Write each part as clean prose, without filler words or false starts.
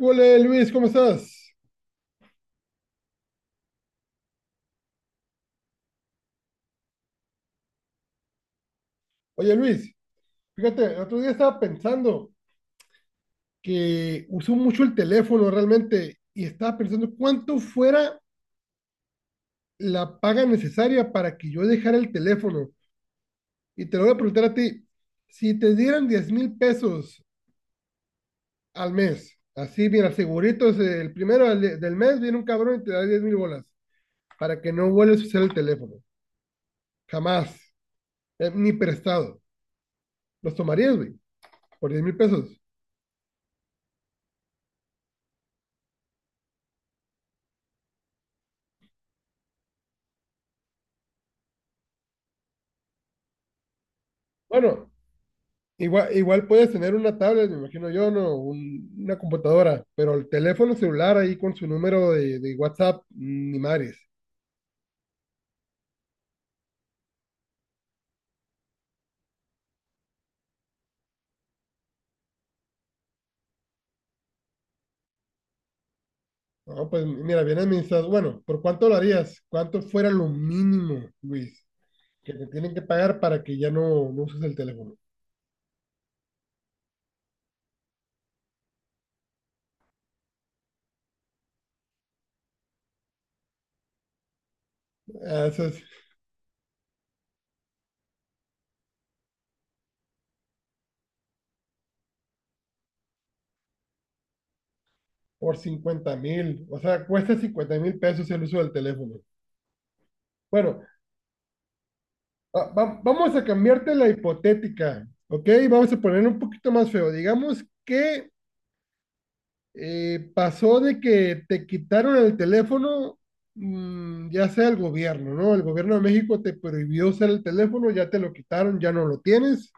Hola Luis, ¿cómo estás? Oye Luis, fíjate, el otro día estaba pensando que usó mucho el teléfono realmente y estaba pensando cuánto fuera la paga necesaria para que yo dejara el teléfono. Y te lo voy a preguntar a ti, si te dieran 10.000 pesos al mes, así mira, seguritos, el primero del mes viene un cabrón y te da 10.000 bolas para que no vuelvas a usar el teléfono, jamás, ni prestado. ¿Los tomarías, güey, por 10.000 pesos? Bueno, Igual puedes tener una tablet, me imagino yo, ¿no? Una computadora, pero el teléfono celular ahí con su número de WhatsApp, ni madres. No, pues mira, bien administrado. Bueno, ¿por cuánto lo harías? ¿Cuánto fuera lo mínimo, Luis, que te tienen que pagar para que ya no, no uses el teléfono? Ah, eso es por 50.000. O sea, cuesta 50.000 pesos el uso del teléfono. Bueno, vamos a cambiarte la hipotética, ¿ok? Vamos a poner un poquito más feo. Digamos que pasó de que te quitaron el teléfono, ya sea el gobierno, ¿no? El gobierno de México te prohibió usar el teléfono, ya te lo quitaron, ya no lo tienes,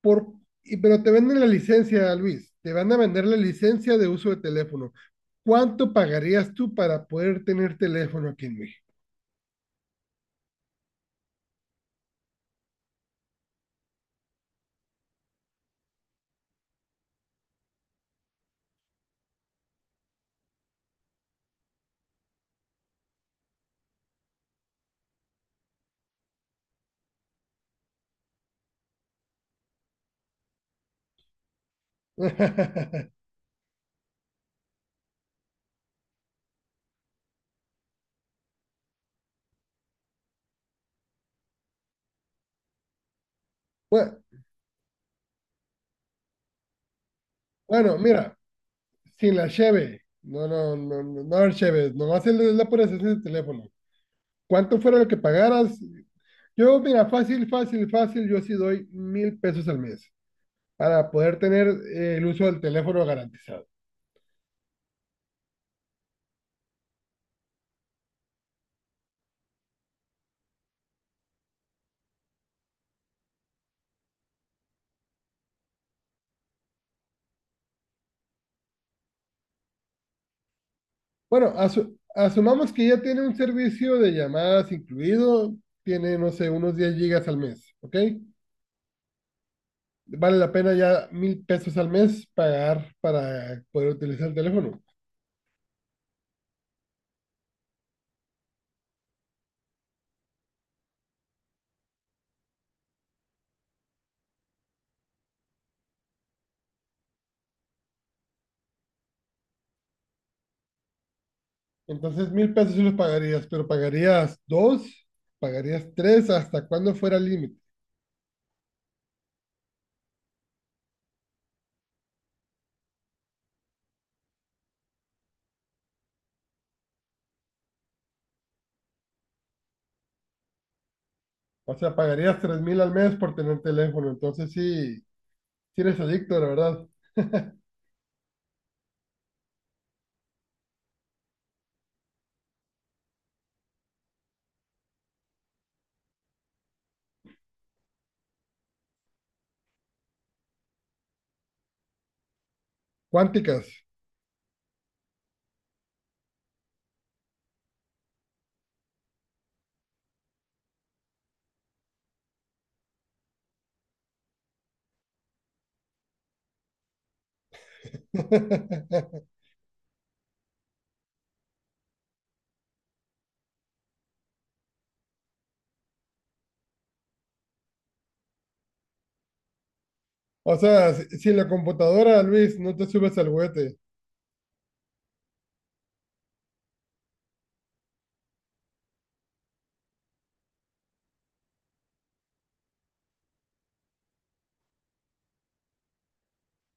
por, pero te venden la licencia, Luis, te van a vender la licencia de uso de teléfono. ¿Cuánto pagarías tú para poder tener teléfono aquí en México? Bueno, bueno, mira, sin la cheve, no, no, no, no, no haber cheves, nomás la pura esencia del teléfono. ¿Cuánto fuera lo que pagaras? Yo, mira, fácil, fácil, fácil, yo sí doy 1.000 pesos al mes para poder tener el uso del teléfono garantizado. Bueno, asumamos que ya tiene un servicio de llamadas incluido, tiene, no sé, unos 10 gigas al mes, ¿ok? Vale la pena ya 1.000 pesos al mes pagar para poder utilizar el teléfono. Entonces, 1.000 pesos sí los pagarías, pero pagarías dos, pagarías tres, hasta cuando fuera el límite. O sea, pagarías 3.000 al mes por tener teléfono. Entonces, sí, sí eres adicto, la verdad. Cuánticas. O sea, si, si la computadora, Luis, no te subes al juguete.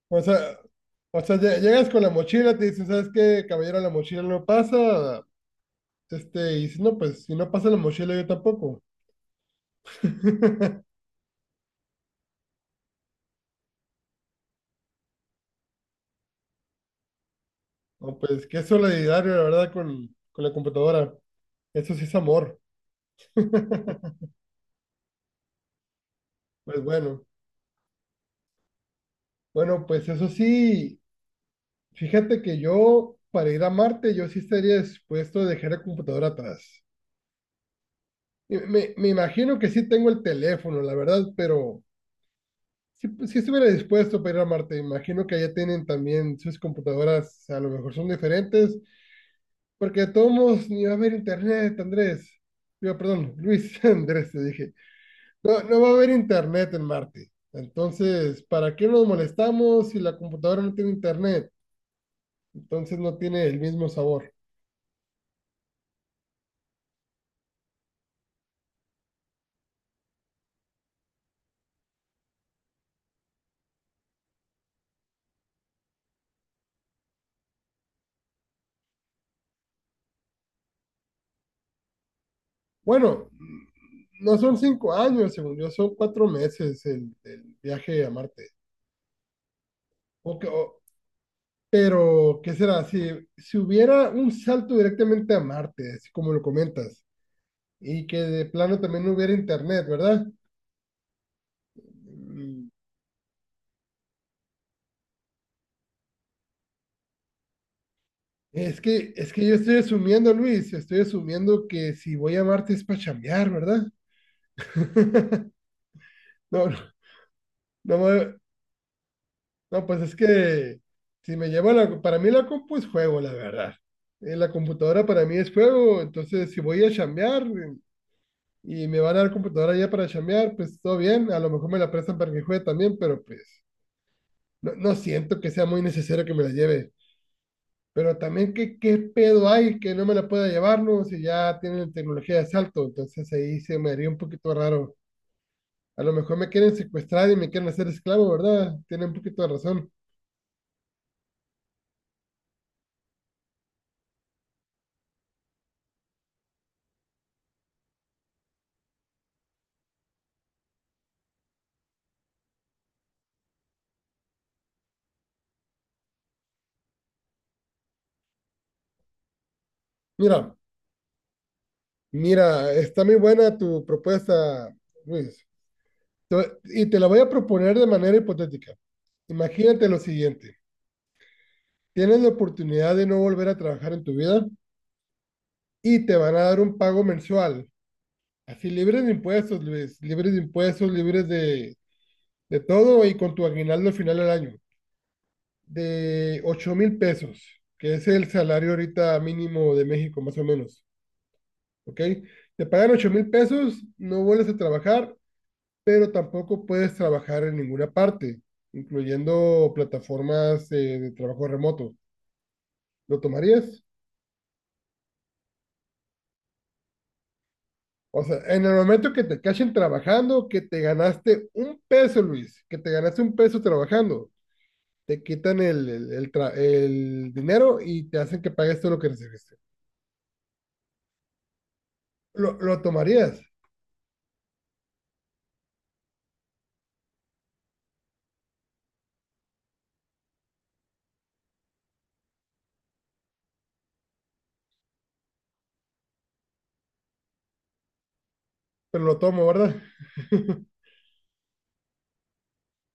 O sea, o sea, llegas con la mochila, te dicen, ¿sabes qué, caballero? La mochila no pasa. Y si no, pues, si no pasa la mochila, yo tampoco. No, pues, qué solidario, la verdad, con la computadora. Eso sí es amor. Pues bueno, bueno, pues eso sí, fíjate que yo, para ir a Marte, yo sí estaría dispuesto a dejar la computadora atrás. Me imagino que sí tengo el teléfono, la verdad, pero sí, pues, sí estuviera dispuesto para ir a Marte. Imagino que allá tienen también sus computadoras, a lo mejor son diferentes, porque de todos modos ni va a haber internet, Andrés. Digo, perdón, Luis Andrés, te dije. No, no va a haber internet en Marte. Entonces, ¿para qué nos molestamos si la computadora no tiene internet? Entonces no tiene el mismo sabor. Bueno, no son 5 años, según yo, son 4 meses el viaje a Marte. O que- o- Pero, ¿qué será? Si, si hubiera un salto directamente a Marte, así como lo comentas, y que de plano también no hubiera internet, ¿verdad? Mm, es que yo estoy asumiendo, Luis, estoy asumiendo que si voy a Marte es para chambear, ¿verdad? No, no, no, no, pues es que si me llevo para mí la compu es juego, la verdad. La computadora para mí es juego, entonces si voy a chambear, y me van a dar computadora ya para chambear, pues todo bien, a lo mejor me la prestan para que juegue también, pero pues no, no siento que sea muy necesario que me la lleve. Pero también, qué pedo hay que no me la pueda llevar, no? Si ya tienen tecnología de asalto, entonces ahí se me haría un poquito raro. A lo mejor me quieren secuestrar y me quieren hacer esclavo, ¿verdad? Tienen un poquito de razón. Mira, mira, está muy buena tu propuesta, Luis. Y te la voy a proponer de manera hipotética. Imagínate lo siguiente. Tienes la oportunidad de no volver a trabajar en tu vida y te van a dar un pago mensual. Así libres de impuestos, Luis. Libres de impuestos, libres de todo y con tu aguinaldo al final del año. De 8.000 pesos, que es el salario ahorita mínimo de México, más o menos. ¿Ok? Te pagan 8.000 pesos, no vuelves a trabajar, pero tampoco puedes trabajar en ninguna parte, incluyendo plataformas de trabajo remoto. ¿Lo tomarías? O sea, en el momento que te cachen trabajando, que te ganaste un peso, Luis, que te ganaste un peso trabajando, te quitan el dinero y te hacen que pagues todo lo que recibiste. Lo tomarías, pero lo tomo, ¿verdad?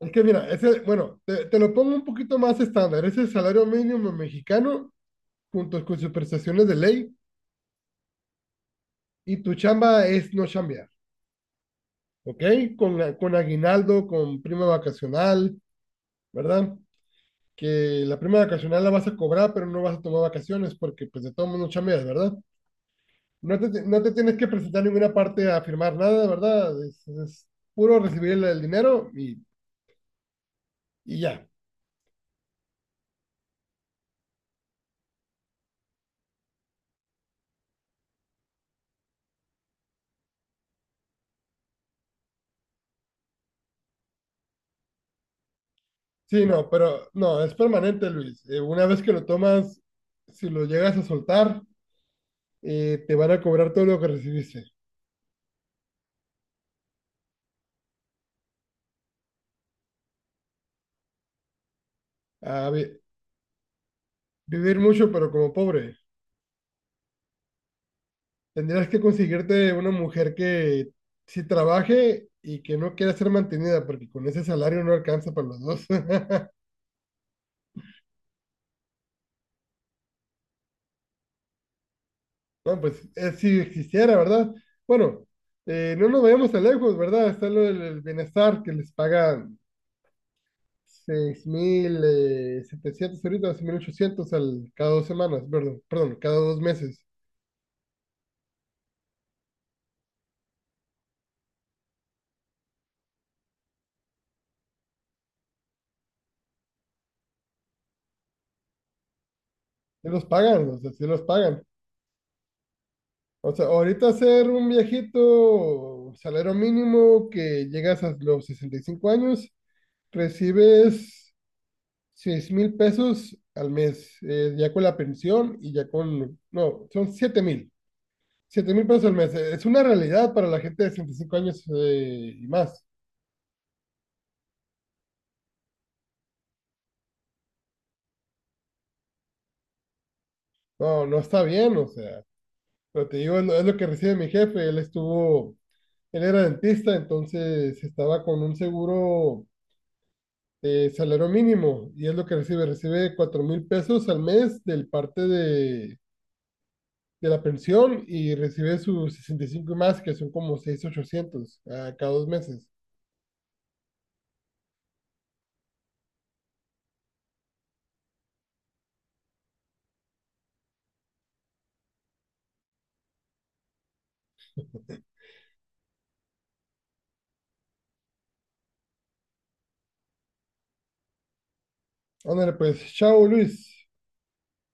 Es que mira, ese, bueno, te lo pongo un poquito más estándar. Es el salario mínimo mexicano junto con sus prestaciones de ley y tu chamba es no chambear, ¿ok? Con aguinaldo, con prima vacacional, ¿verdad? Que la prima vacacional la vas a cobrar, pero no vas a tomar vacaciones porque pues de todo mundo chambeas, ¿verdad? No te tienes que presentar ninguna parte a firmar nada, ¿verdad? Es puro recibir el dinero y ya. Sí, no, pero no, es permanente, Luis. Una vez que lo tomas, si lo llegas a soltar, te van a cobrar todo lo que recibiste. A vi- vivir mucho, pero como pobre. Tendrías que conseguirte una mujer que sí trabaje y que no quiera ser mantenida, porque con ese salario no alcanza para los dos. No, pues si existiera, ¿verdad? Bueno, no nos vayamos tan lejos, ¿verdad? Está lo del bienestar que les pagan seis mil setecientos ahorita, 6.800 cada 2 semanas, perdón, perdón, cada 2 meses. Sí los pagan, o sea, sí los pagan. O sea, ahorita ser un viejito, salario mínimo que llegas a los 65 años, recibes 6.000 pesos al mes, ya con la pensión y ya no, son 7.000 pesos al mes. Es una realidad para la gente de 65 años y más. No, no está bien, o sea, pero te digo, es lo que recibe mi jefe. Él estuvo, él era dentista, entonces estaba con un seguro de salario mínimo y es lo que recibe. Recibe 4.000 pesos al mes del parte de la pensión y recibe sus 65 más, que son como 6.800 a cada 2 meses. Ándale, pues, chao Luis.